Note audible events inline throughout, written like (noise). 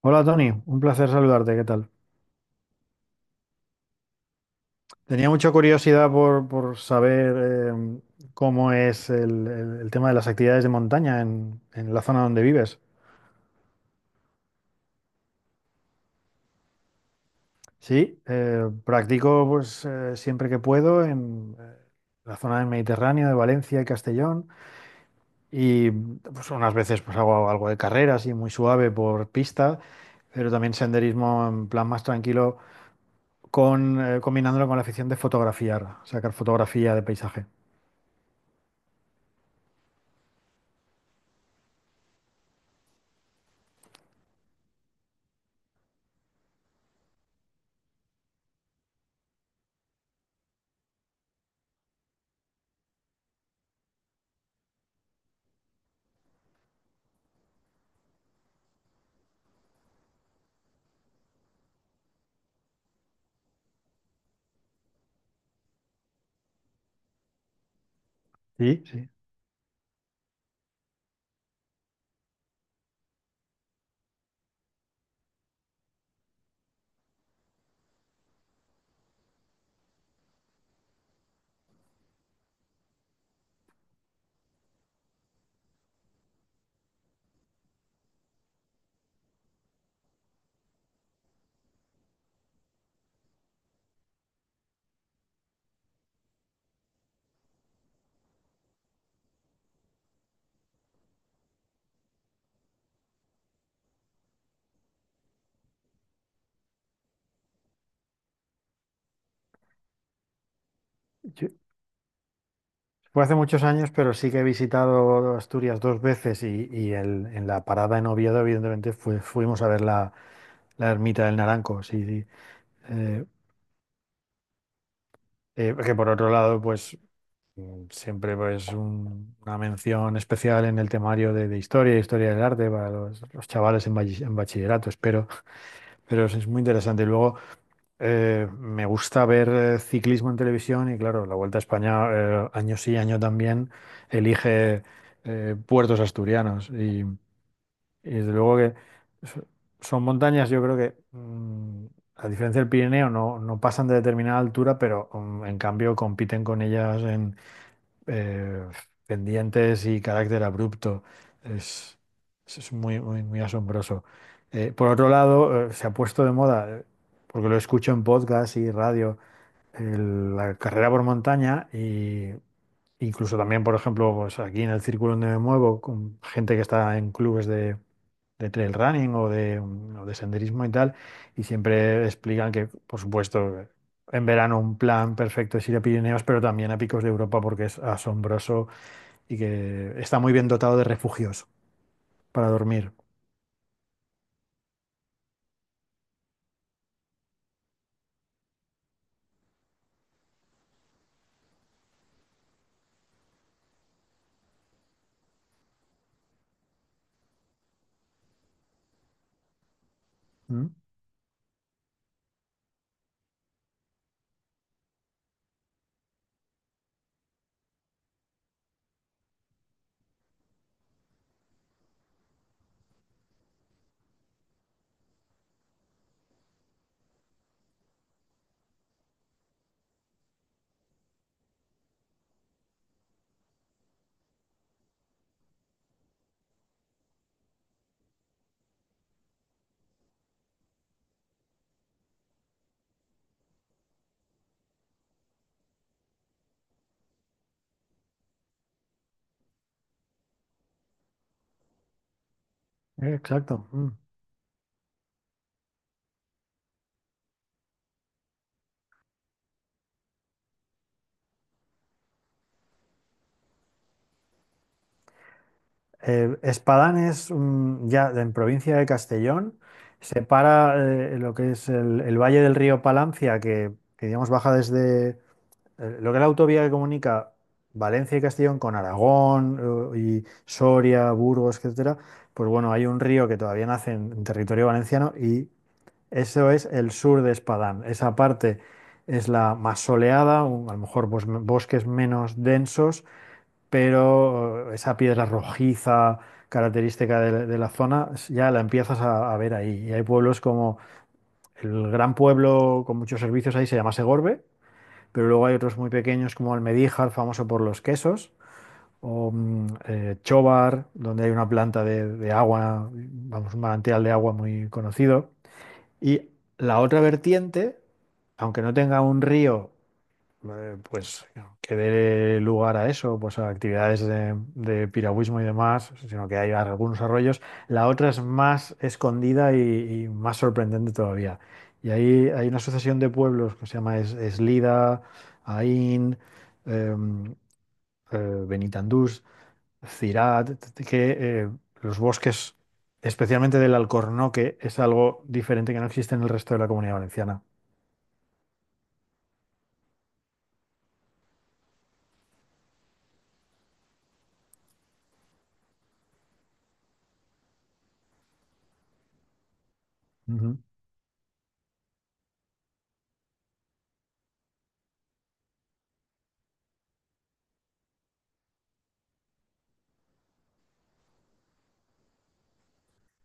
Hola Tony, un placer saludarte, ¿qué tal? Tenía mucha curiosidad por saber eh, cómo es el tema de las actividades de montaña en la zona donde vives. Sí, practico siempre que puedo en la zona del Mediterráneo, de Valencia y Castellón, y pues unas veces pues hago algo de carreras y muy suave por pista, pero también senderismo en plan más tranquilo, combinándolo con la afición de fotografiar, sacar fotografía de paisaje. Sí, sí. Fue hace muchos años, pero sí que he visitado Asturias dos veces y en la parada en Oviedo, evidentemente, fuimos a ver la ermita del Naranco. Sí, sí. Eh, que por otro lado, pues siempre pues una mención especial en el temario de historia, historia del arte para los chavales en, en bachillerato, espero. Pero es muy interesante. Luego, me gusta ver ciclismo en televisión y claro, la Vuelta a España año sí, año también elige puertos asturianos y desde luego que so- son montañas, yo creo que a diferencia del Pirineo no, no pasan de determinada altura, pero en cambio compiten con ellas eh, pendientes y carácter abrupto. Es, es muy, muy, muy asombroso. Por otro lado, se ha puesto de moda, porque lo escucho en podcast y radio, la carrera por montaña y incluso también, por ejemplo, pues aquí en el círculo donde me muevo, con gente que está en clubes de trail running o de, o de senderismo y tal, y siempre explican que, por supuesto, en verano un plan perfecto es ir a Pirineos, pero también a Picos de Europa porque es asombroso y que está muy bien dotado de refugios para dormir. ¿Mm? Exacto. Espadán es ya en provincia de Castellón, separa lo que es el valle del río Palancia, que digamos baja desde lo que es la autovía que comunica Valencia y Castellón con Aragón y Soria, Burgos, etcétera. Pues bueno, hay un río que todavía nace en territorio valenciano y eso es el sur de Espadán. Esa parte es la más soleada, a lo mejor pues, bosques menos densos pero esa piedra rojiza característica de la zona ya la empiezas a ver ahí. Y hay pueblos como el gran pueblo con muchos servicios ahí se llama Segorbe, pero luego hay otros muy pequeños como Almedíjar, famoso por los quesos, o Chobar, donde hay una planta de agua, vamos, un manantial de agua muy conocido. Y la otra vertiente, aunque no tenga un río, pues que dé lugar a eso, pues a actividades de piragüismo y demás, sino que hay algunos arroyos. La otra es más escondida y más sorprendente todavía. Y ahí hay una asociación de pueblos que se llama Eslida, Aín, eh, eh, Benitandús, Cirat, que los bosques, especialmente del Alcornoque, es algo diferente que no existe en el resto de la Comunidad Valenciana. Ujú.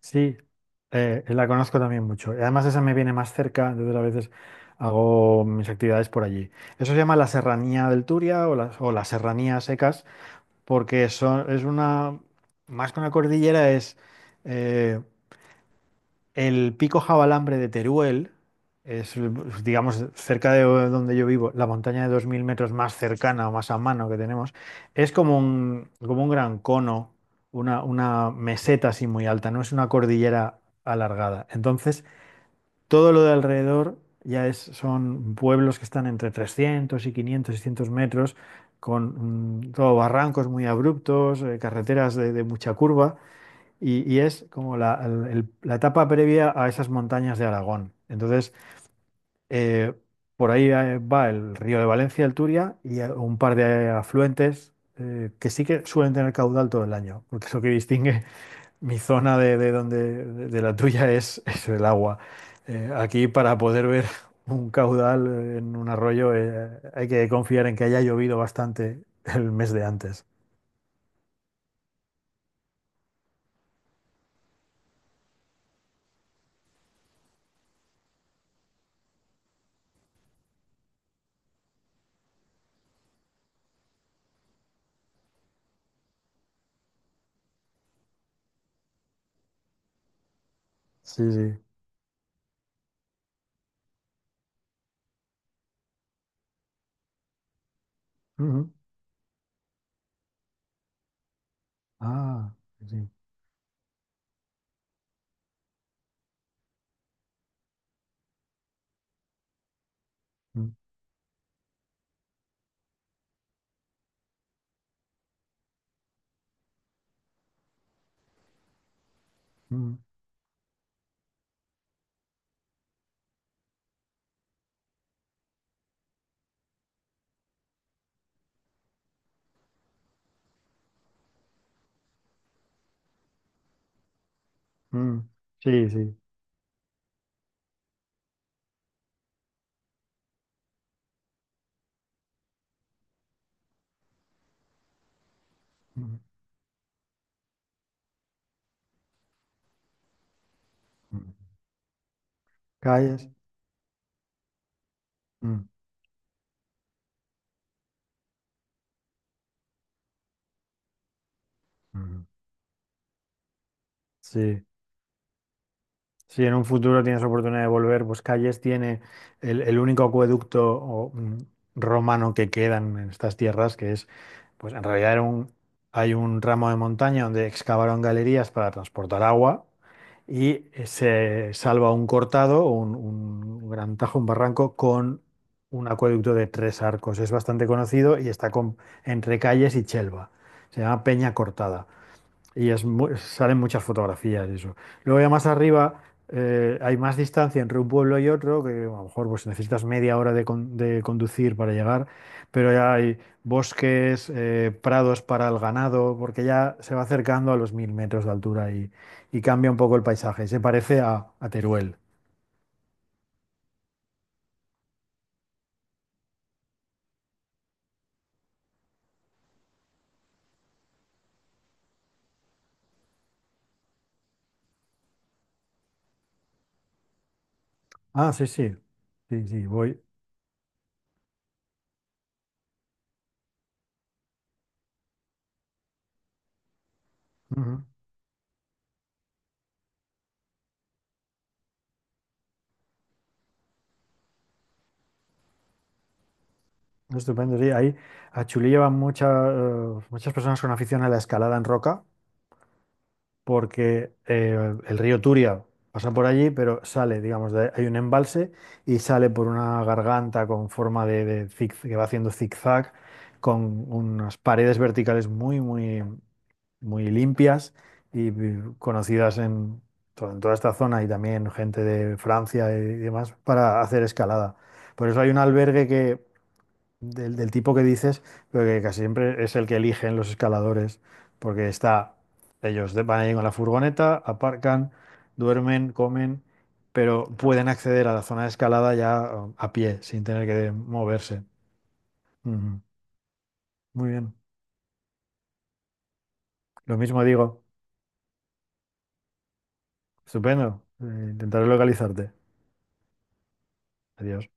Sí. La conozco también mucho. Y además esa me viene más cerca, entonces a veces hago mis actividades por allí. Eso se llama la Serranía del Turia o las Serranías Secas, porque son, es una, más que una cordillera, es eh, el Pico Jabalambre de Teruel, es, digamos, cerca de donde yo vivo, la montaña de 2.000 metros más cercana o más a mano que tenemos, es como un gran cono, una meseta así muy alta, no es una cordillera alargada. Entonces, todo lo de alrededor ya es, son pueblos que están entre 300 y 500, 600 metros, con todo barrancos muy abruptos, carreteras de mucha curva, y es como la, la etapa previa a esas montañas de Aragón. Entonces, eh, por ahí va el río de Valencia, el Turia, y un par de afluentes que sí que suelen tener caudal todo el año, porque es lo que distingue mi zona de la tuya es, (laughs) es el agua. Aquí para poder ver (laughs) un caudal en un arroyo hay que confiar en que haya llovido bastante (laughs) el mes de antes. Sí, sí. Ujú. Ah, sí. Mm, mm, mm. Sí, sí. Mm, mm. Calles. Mm, mm. Sí. Si en un futuro tienes oportunidad de volver, pues Calles tiene el único acueducto o, romano que quedan en estas tierras, que es, pues en realidad era hay un ramo de montaña donde excavaron galerías para transportar agua y se salva un cortado, un gran tajo, un barranco con un acueducto de tres arcos. Es bastante conocido y está entre Calles y Chelva. Se llama Peña Cortada. Y es salen muchas fotografías y eso. Luego ya más arriba hay más distancia entre un pueblo y otro, que a lo mejor pues, necesitas media hora de conducir para llegar, pero ya hay bosques, prados para el ganado, porque ya se va acercando a los 1.000 metros de altura y cambia un poco el paisaje. Se parece a Teruel. Ah, sí, sí. Sí, sí, voy. Ujú. Estupendo, sí. Ahí a Chulí llevan mucha, muchas personas con afición a la escalada en roca. Porque el río Turia pasa por allí, pero sale, digamos, hay un embalse y sale por una garganta con forma que va haciendo zigzag, con unas paredes verticales muy, muy, muy limpias y conocidas en, en toda esta zona y también gente de Francia y demás para hacer escalada. Por eso hay un albergue que del, del tipo que dices, pero que casi siempre es el que eligen los escaladores, porque está, van ahí con la furgoneta, aparcan, duermen, comen, pero pueden acceder a la zona de escalada ya a pie, sin tener que moverse. Ujú. Muy bien. Lo mismo digo. Estupendo. Intentaré localizarte. Adiós.